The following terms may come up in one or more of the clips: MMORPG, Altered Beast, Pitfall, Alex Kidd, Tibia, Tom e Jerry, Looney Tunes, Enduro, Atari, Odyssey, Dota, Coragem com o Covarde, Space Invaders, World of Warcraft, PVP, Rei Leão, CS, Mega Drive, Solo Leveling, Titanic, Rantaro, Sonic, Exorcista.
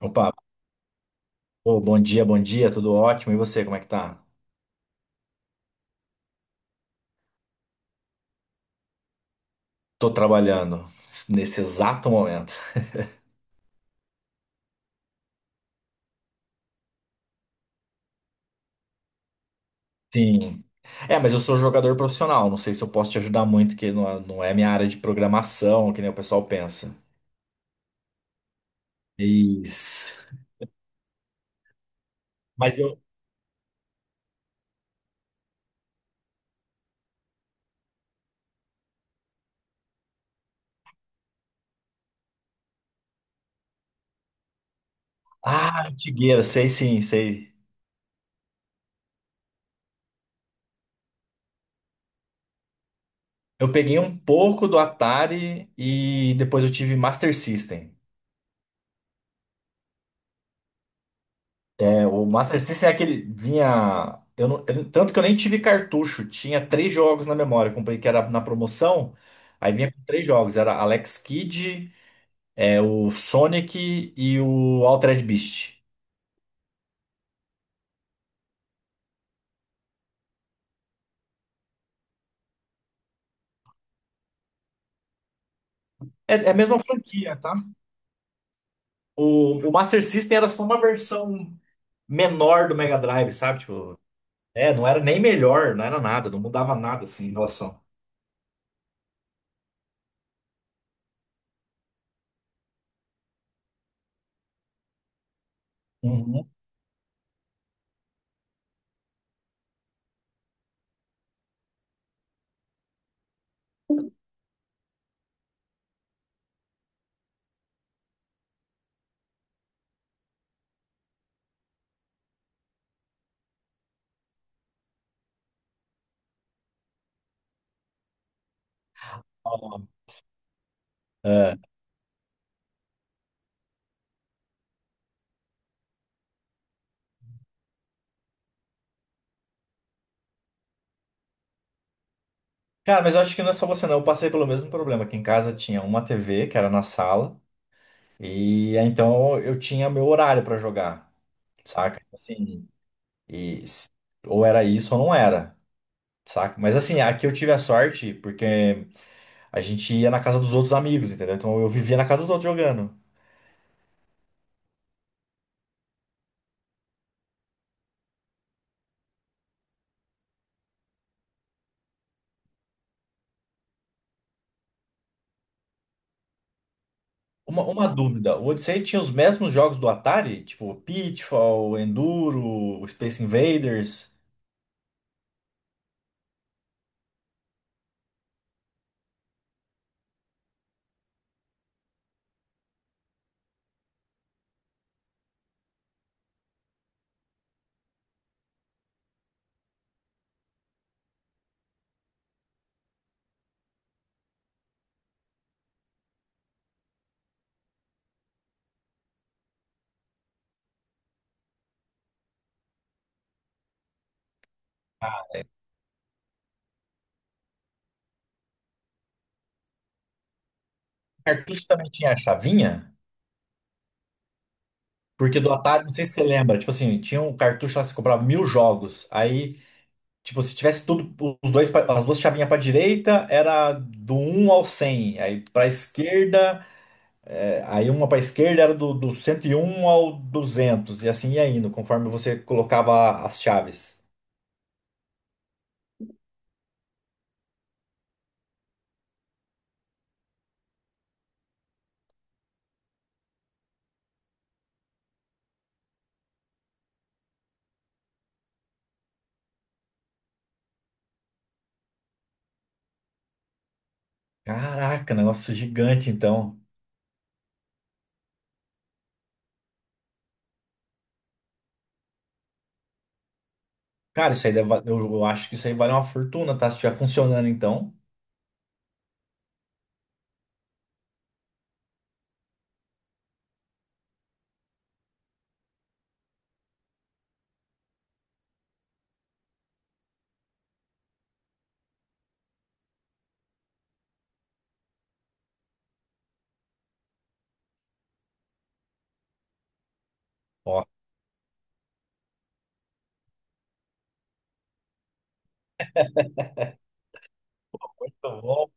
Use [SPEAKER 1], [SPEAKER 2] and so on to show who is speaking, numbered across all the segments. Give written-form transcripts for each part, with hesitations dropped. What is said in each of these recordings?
[SPEAKER 1] Opa, pô, bom dia, tudo ótimo. E você, como é que tá? Tô trabalhando nesse exato momento. Sim. É, mas eu sou jogador profissional, não sei se eu posso te ajudar muito, que não é minha área de programação, que nem o pessoal pensa. Isso. Mas eu. Ah, antigueira, sei sim, sei. Eu peguei um pouco do Atari e depois eu tive Master System. É, o Master System é aquele. Vinha. Eu não, tanto que eu nem tive cartucho. Tinha três jogos na memória. Eu comprei que era na promoção. Aí vinha com três jogos. Era Alex Kidd, o Sonic e o Altered Beast. É, é a mesma franquia, tá? O Master System era só uma versão menor do Mega Drive, sabe? Tipo, não era nem melhor, não era nada, não mudava nada assim em relação. Uhum. É. Cara, mas eu acho que não é só você, não. Eu passei pelo mesmo problema. Aqui em casa tinha uma TV que era na sala. E aí, então eu tinha meu horário pra jogar, saca? Tipo assim, e s- ou era isso ou não era, saca? Mas assim, aqui eu tive a sorte porque a gente ia na casa dos outros amigos, entendeu? Então eu vivia na casa dos outros jogando. Uma dúvida, o Odyssey tinha os mesmos jogos do Atari? Tipo Pitfall, Enduro, Space Invaders. Cartucho também tinha a chavinha? Porque do Atari, não sei se você lembra, tipo assim, tinha um cartucho lá que você comprava mil jogos. Aí tipo, se tivesse tudo, os dois, as duas chavinhas para direita, era do 1 ao 100. Aí para esquerda, aí uma para esquerda era do 101 ao 200. E assim ia indo, conforme você colocava as chaves. Caraca, negócio gigante, então. Cara, isso aí deve, eu acho que isso aí vale uma fortuna, tá? Se estiver funcionando, então. Ó, tá bom.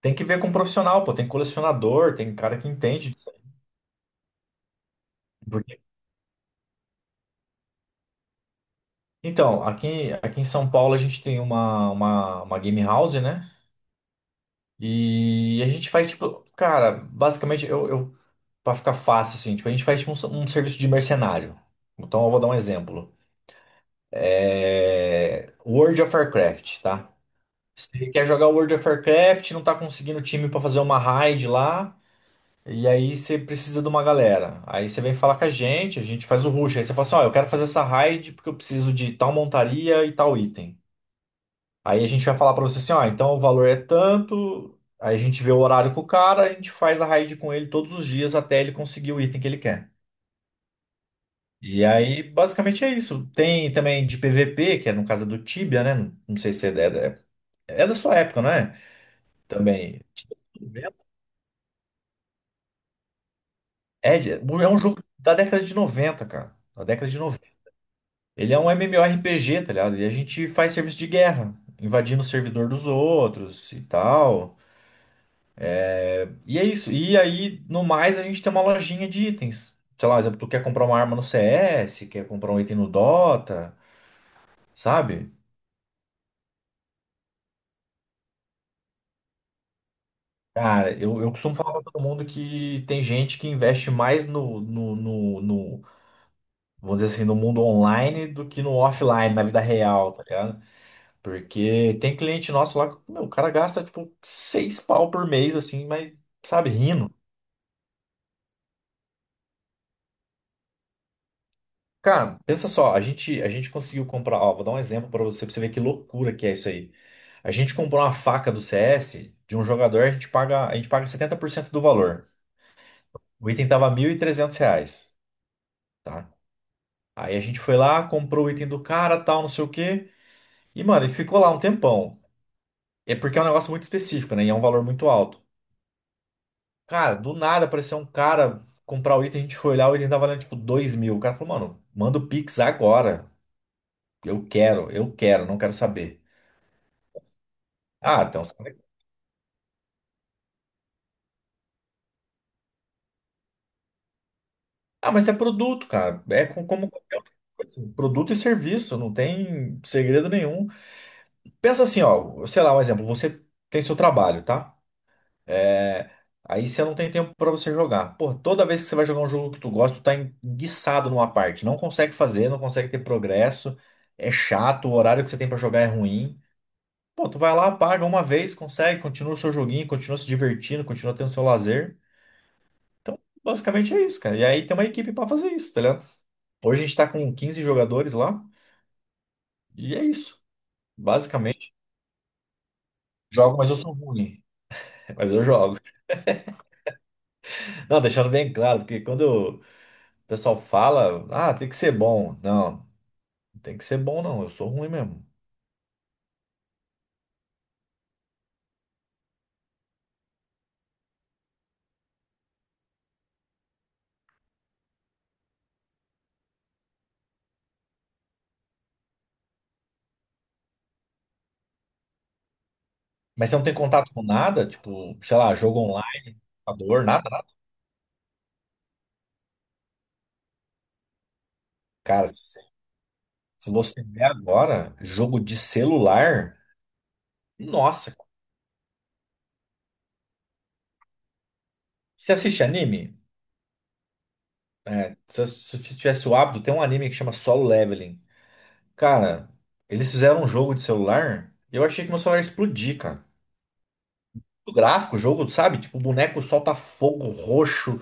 [SPEAKER 1] Tem que ver com um profissional, pô. Tem colecionador, tem cara que entende disso aí. Porque- Então, aqui em São Paulo a gente tem uma game house, né? E a gente faz, tipo, cara, basicamente, eu, pra ficar fácil, assim, tipo, a gente faz tipo, um serviço de mercenário. Então eu vou dar um exemplo. World of Warcraft, tá? Você quer jogar World of Warcraft, não tá conseguindo time pra fazer uma raid lá, e aí você precisa de uma galera. Aí você vem falar com a gente faz o rush. Aí você fala assim, ó, eu quero fazer essa raid porque eu preciso de tal montaria e tal item. Aí a gente vai falar para você assim, ó, então o valor é tanto, aí a gente vê o horário com o cara, a gente faz a raid com ele todos os dias até ele conseguir o item que ele quer. E aí, basicamente é isso. Tem também de PVP, que é no caso é do Tibia, né? Não sei se é da, é é da sua época, não é? Também. É um jogo da década de 90, cara. Da década de 90. Ele é um MMORPG, tá ligado? E a gente faz serviço de guerra, invadindo o servidor dos outros e tal. E é isso. E aí, no mais, a gente tem uma lojinha de itens. Sei lá, exemplo, tu quer comprar uma arma no CS, quer comprar um item no Dota, sabe? Cara, eu costumo falar pra todo mundo que tem gente que investe mais vamos dizer assim, no mundo online do que no offline, na vida real, tá ligado? Porque tem cliente nosso lá que, meu, o cara gasta, tipo, seis pau por mês, assim, mas, sabe, rindo. Cara, pensa só, a gente conseguiu comprar, ó, vou dar um exemplo pra você ver que loucura que é isso aí. A gente comprou uma faca do CS de um jogador, a gente paga 70% do valor. O item tava R$ 1.300, tá? Aí a gente foi lá, comprou o item do cara, tal, não sei o quê. E, mano, ele ficou lá um tempão. É porque é um negócio muito específico, né? E é um valor muito alto. Cara, do nada apareceu um cara comprar o item, a gente foi lá, o item tava valendo tipo 2.000. O cara falou, mano, manda o Pix agora. Eu quero, não quero saber. Ah, então. Ah, mas é produto, cara. É como qualquer outra coisa. Assim, produto e serviço, não tem segredo nenhum. Pensa assim, ó, sei lá, um exemplo, você tem seu trabalho, tá? É, aí você não tem tempo pra você jogar. Pô, toda vez que você vai jogar um jogo que tu gosta, tu tá enguiçado numa parte, não consegue fazer, não consegue ter progresso, é chato, o horário que você tem pra jogar é ruim. Pô, tu vai lá, paga uma vez, consegue, continua o seu joguinho, continua se divertindo, continua tendo seu lazer. Então, basicamente é isso, cara. E aí tem uma equipe pra fazer isso, tá ligado? Hoje a gente tá com 15 jogadores lá e é isso. Basicamente, jogo, mas eu sou ruim. Mas eu jogo. Não, deixando bem claro, porque quando o pessoal fala, ah, tem que ser bom. Não, não tem que ser bom, não. Eu sou ruim mesmo. Mas você não tem contato com nada, tipo, sei lá, jogo online, computador, nada, nada. Cara, se você ver agora, jogo de celular, nossa, cara. Você assiste anime? É, se você tivesse o hábito, tem um anime que chama Solo Leveling. Cara, eles fizeram um jogo de celular e eu achei que meu celular ia explodir, cara. O gráfico, o jogo, sabe? Tipo, o boneco solta fogo roxo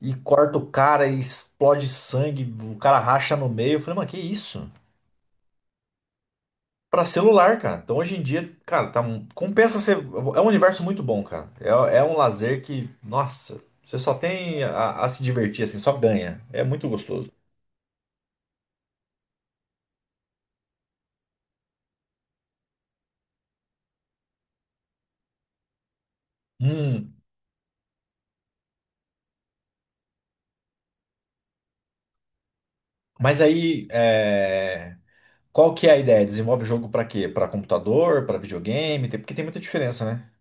[SPEAKER 1] e corta o cara e explode sangue, o cara racha no meio. Eu falei, mano, que isso? Pra celular, cara. Então hoje em dia, cara, tá, compensa ser. É um universo muito bom, cara. É, é um lazer que, nossa, você só tem a se divertir, assim, só ganha. É muito gostoso. Hum, mas aí, é. Qual que é a ideia? Desenvolve jogo pra quê? Pra computador, pra videogame? Porque tem muita diferença, né?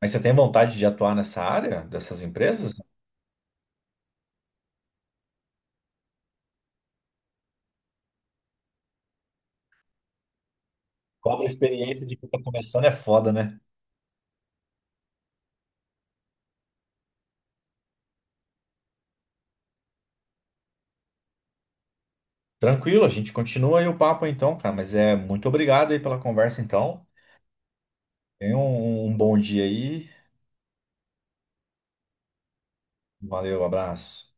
[SPEAKER 1] Mas você tem vontade de atuar nessa área dessas empresas? Cobra experiência de quem tá começando é foda, né? Tranquilo, a gente continua aí o papo então, cara. Mas é muito obrigado aí pela conversa então. Tenha um bom dia aí. Valeu, abraço.